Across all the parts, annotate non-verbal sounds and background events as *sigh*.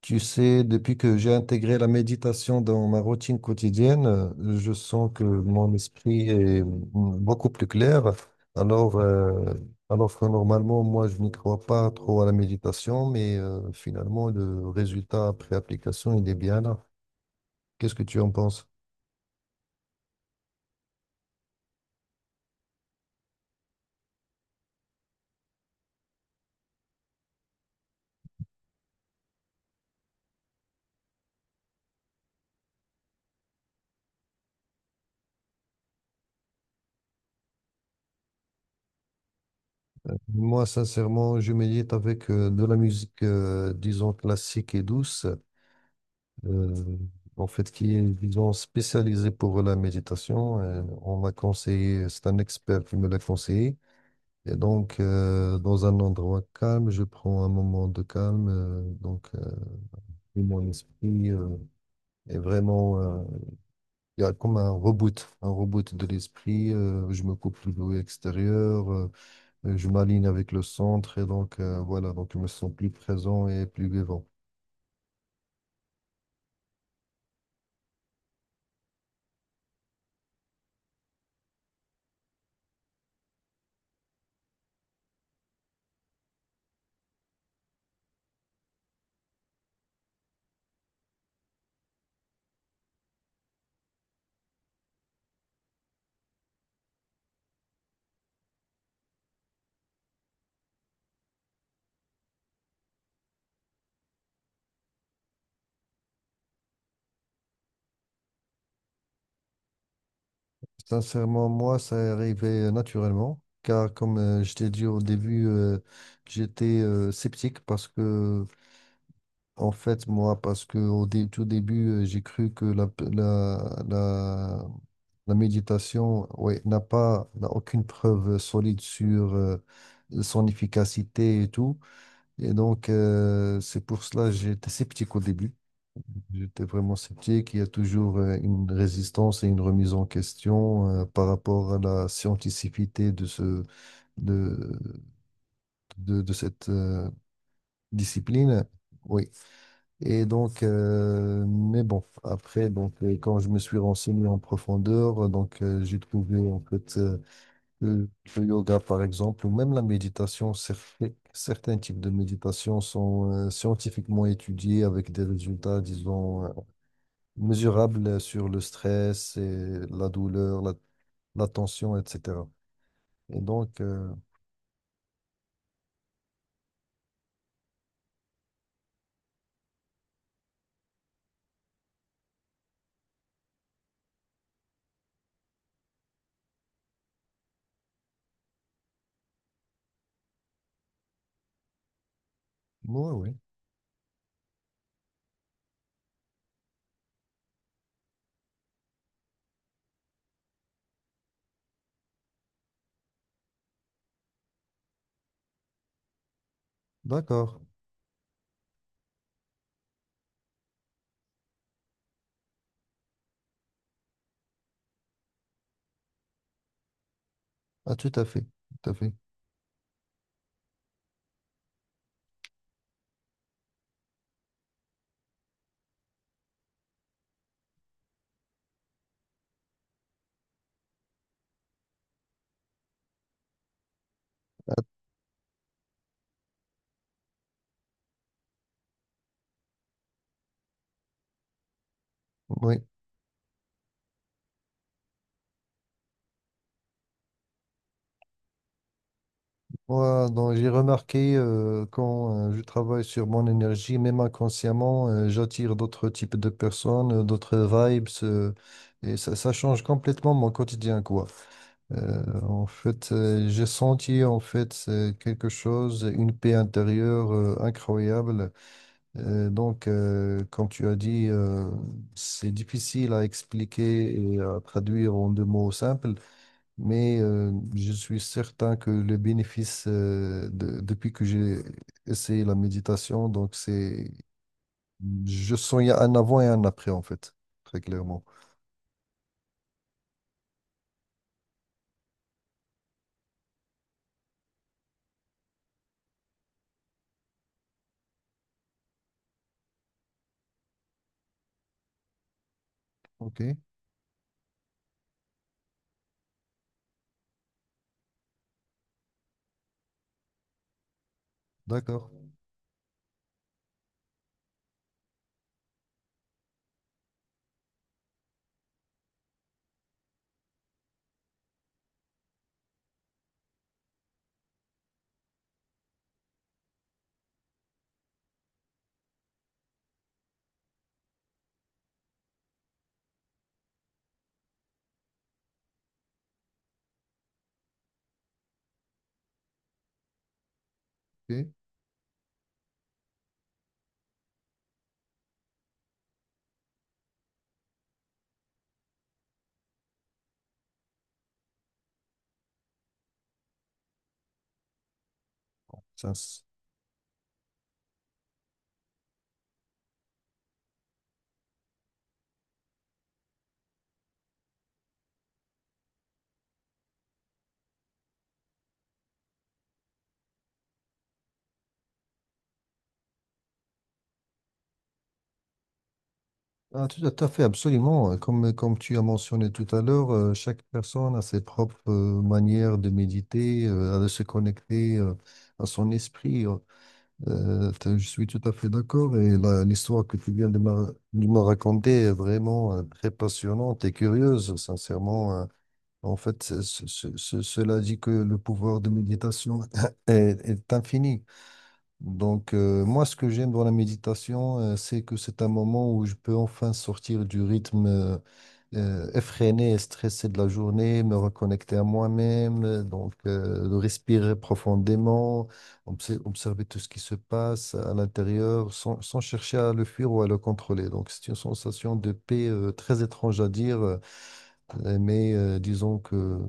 Tu sais, depuis que j'ai intégré la méditation dans ma routine quotidienne, je sens que mon esprit est beaucoup plus clair. Alors, euh, alors que normalement, moi, je n'y crois pas trop à la méditation, mais finalement, le résultat après application, il est bien là. Qu'est-ce que tu en penses? Moi, sincèrement, je médite avec de la musique, disons, classique et douce. euh, En fait, qui est, disons, spécialisé pour la méditation. On m'a conseillé, c'est un expert qui me l'a conseillé. Et donc, dans un endroit calme, je prends un moment de calme. Et mon esprit est vraiment, il y a comme un reboot de l'esprit. Je me coupe du bruit extérieur, je m'aligne avec le centre. Et donc, voilà, donc je me sens plus présent et plus vivant. Sincèrement, moi, ça est arrivé naturellement, car comme je t'ai dit au début, j'étais sceptique parce que, en fait, moi, parce que au tout début, j'ai cru que la méditation, ouais, n'a aucune preuve solide sur son efficacité et tout. Et donc, c'est pour cela que j'étais sceptique au début. J'étais vraiment sceptique. Il y a toujours une résistance et une remise en question par rapport à la scientificité de de, de cette discipline. Oui. Et donc, mais bon, après, donc, quand je me suis renseigné en profondeur, j'ai trouvé en fait le, le yoga, par exemple, ou même la méditation, certains types de méditation sont scientifiquement étudiés avec des résultats, disons, mesurables sur le stress et la douleur, la tension, etc. Et donc, oui, oui, d'accord. Ah, tout à fait, tout à fait. Oui. Moi, donc, j'ai remarqué quand je travaille sur mon énergie, même inconsciemment, j'attire d'autres types de personnes, d'autres vibes, et ça change complètement mon quotidien, quoi. Euh, En fait, j'ai senti en fait c'est quelque chose, une paix intérieure incroyable. Comme tu as dit, c'est difficile à expliquer et à traduire en deux mots simples mais je suis certain que le bénéfice, depuis que j'ai essayé la méditation, je sens il y a un avant et un après, en fait, très clairement. OK, d'accord. OK. Ça s- ah, tout à fait, absolument. Comme tu as mentionné tout à l'heure, chaque personne a ses propres manières de méditer, de se connecter à son esprit. Je suis tout à fait d'accord et l'histoire que tu viens de me raconter est vraiment très passionnante et curieuse, sincèrement. En fait, cela dit que le pouvoir de méditation *laughs* est, est infini. Donc, moi, ce que j'aime dans la méditation, c'est que c'est un moment où je peux enfin sortir du rythme effréné et stressé de la journée, me reconnecter à moi-même, de respirer profondément, observer tout ce qui se passe à l'intérieur sans chercher à le fuir ou à le contrôler. Donc, c'est une sensation de paix très étrange à dire, mais disons que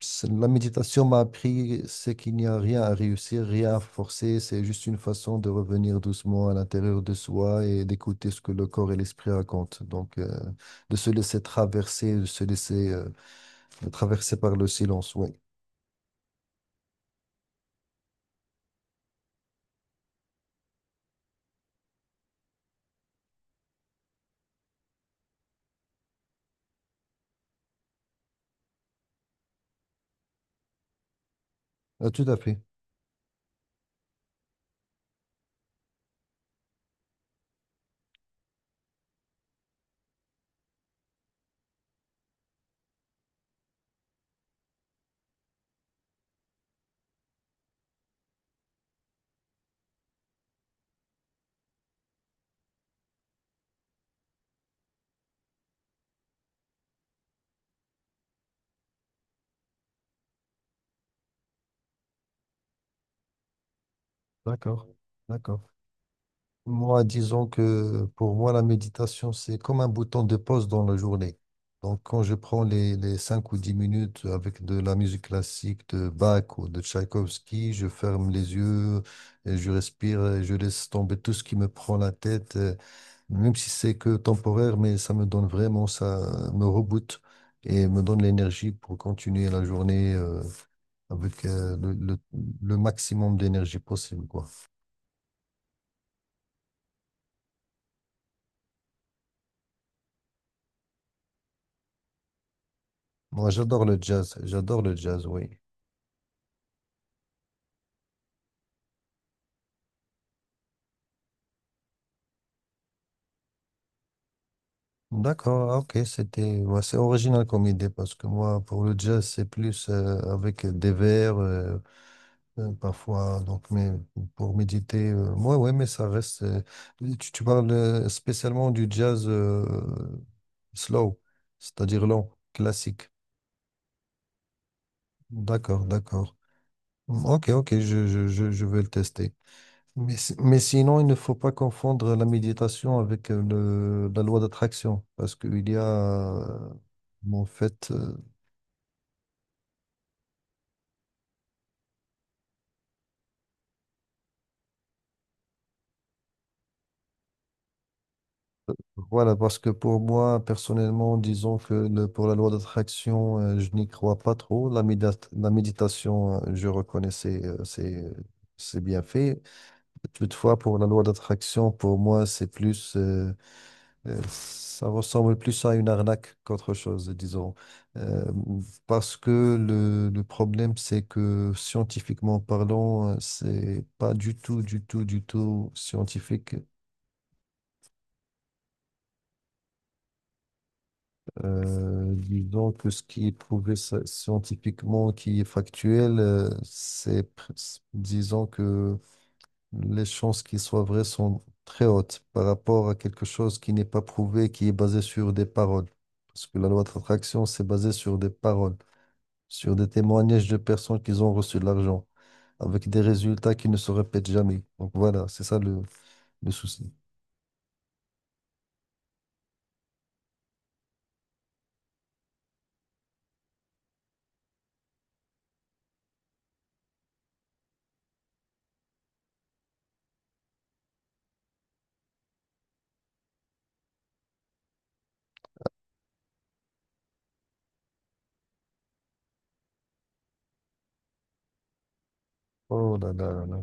la méditation m'a appris, c'est qu'il n'y a rien à réussir, rien à forcer, c'est juste une façon de revenir doucement à l'intérieur de soi et d'écouter ce que le corps et l'esprit racontent. Donc, de se laisser traverser, de se laisser traverser par le silence, oui. Tout à fait. D'accord, d'accord. Moi, disons que pour moi, la méditation, c'est comme un bouton de pause dans la journée. Donc, quand je prends les 5 ou 10 minutes avec de la musique classique de Bach ou de Tchaïkovski, je ferme les yeux, et je respire, et je laisse tomber tout ce qui me prend la tête, même si c'est que temporaire, mais ça me donne vraiment, ça me reboote et me donne l'énergie pour continuer la journée, avec, le maximum d'énergie possible, quoi. Moi, j'adore le jazz. J'adore le jazz, oui. D'accord, ah, ok, c'était, ouais, c'est original comme idée parce que moi, pour le jazz, c'est plus avec des vers, parfois, donc, mais pour méditer, ouais, ouais, mais ça reste. Tu parles spécialement du jazz slow, c'est-à-dire lent, classique. D'accord, d'accord. Ok, ok, je vais le tester. Mais, mais sinon, il ne faut pas confondre la méditation avec la loi d'attraction, parce qu'il y a, en fait, euh, voilà, parce que pour moi, personnellement, disons que pour la loi d'attraction, je n'y crois pas trop. La méditation, je reconnais ses, ses bienfaits. Toutefois, pour la loi d'attraction, pour moi, c'est plus... Ça ressemble plus à une arnaque qu'autre chose, disons. Euh, Parce que le problème, c'est que scientifiquement parlant, c'est pas du tout scientifique. Disons que ce qui est prouvé scientifiquement, qui est factuel, disons que les chances qu'il soit vrai sont très hautes par rapport à quelque chose qui n'est pas prouvé, qui est basé sur des paroles. Parce que la loi de l'attraction, c'est basé sur des paroles. Sur des témoignages de personnes qui ont reçu de l'argent, avec des résultats qui ne se répètent jamais. Donc voilà, c'est ça le souci. Oh là là là là.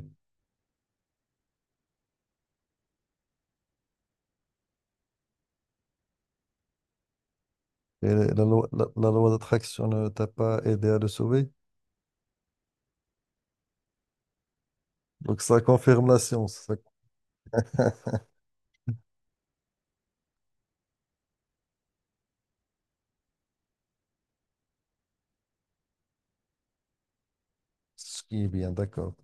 Et la loi d'attraction ne t'a pas aidé à le sauver? Donc ça confirme la science. *laughs* Ce qui est bien, d'accord.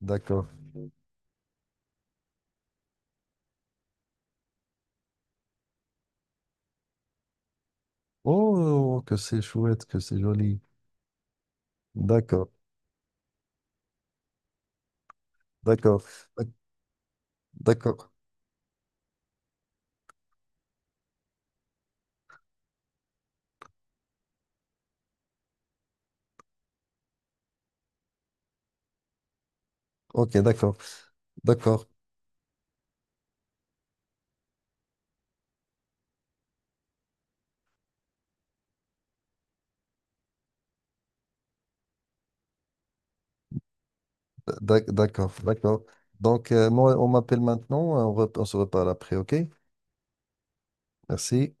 D'accord. Oh, que c'est chouette, que c'est joli. D'accord, d'accord, d'ac- d'accord. Ok, d'accord, d'accord, d'accord, d'accord. Donc, moi, on m'appelle maintenant, on se reparle après, ok? Merci.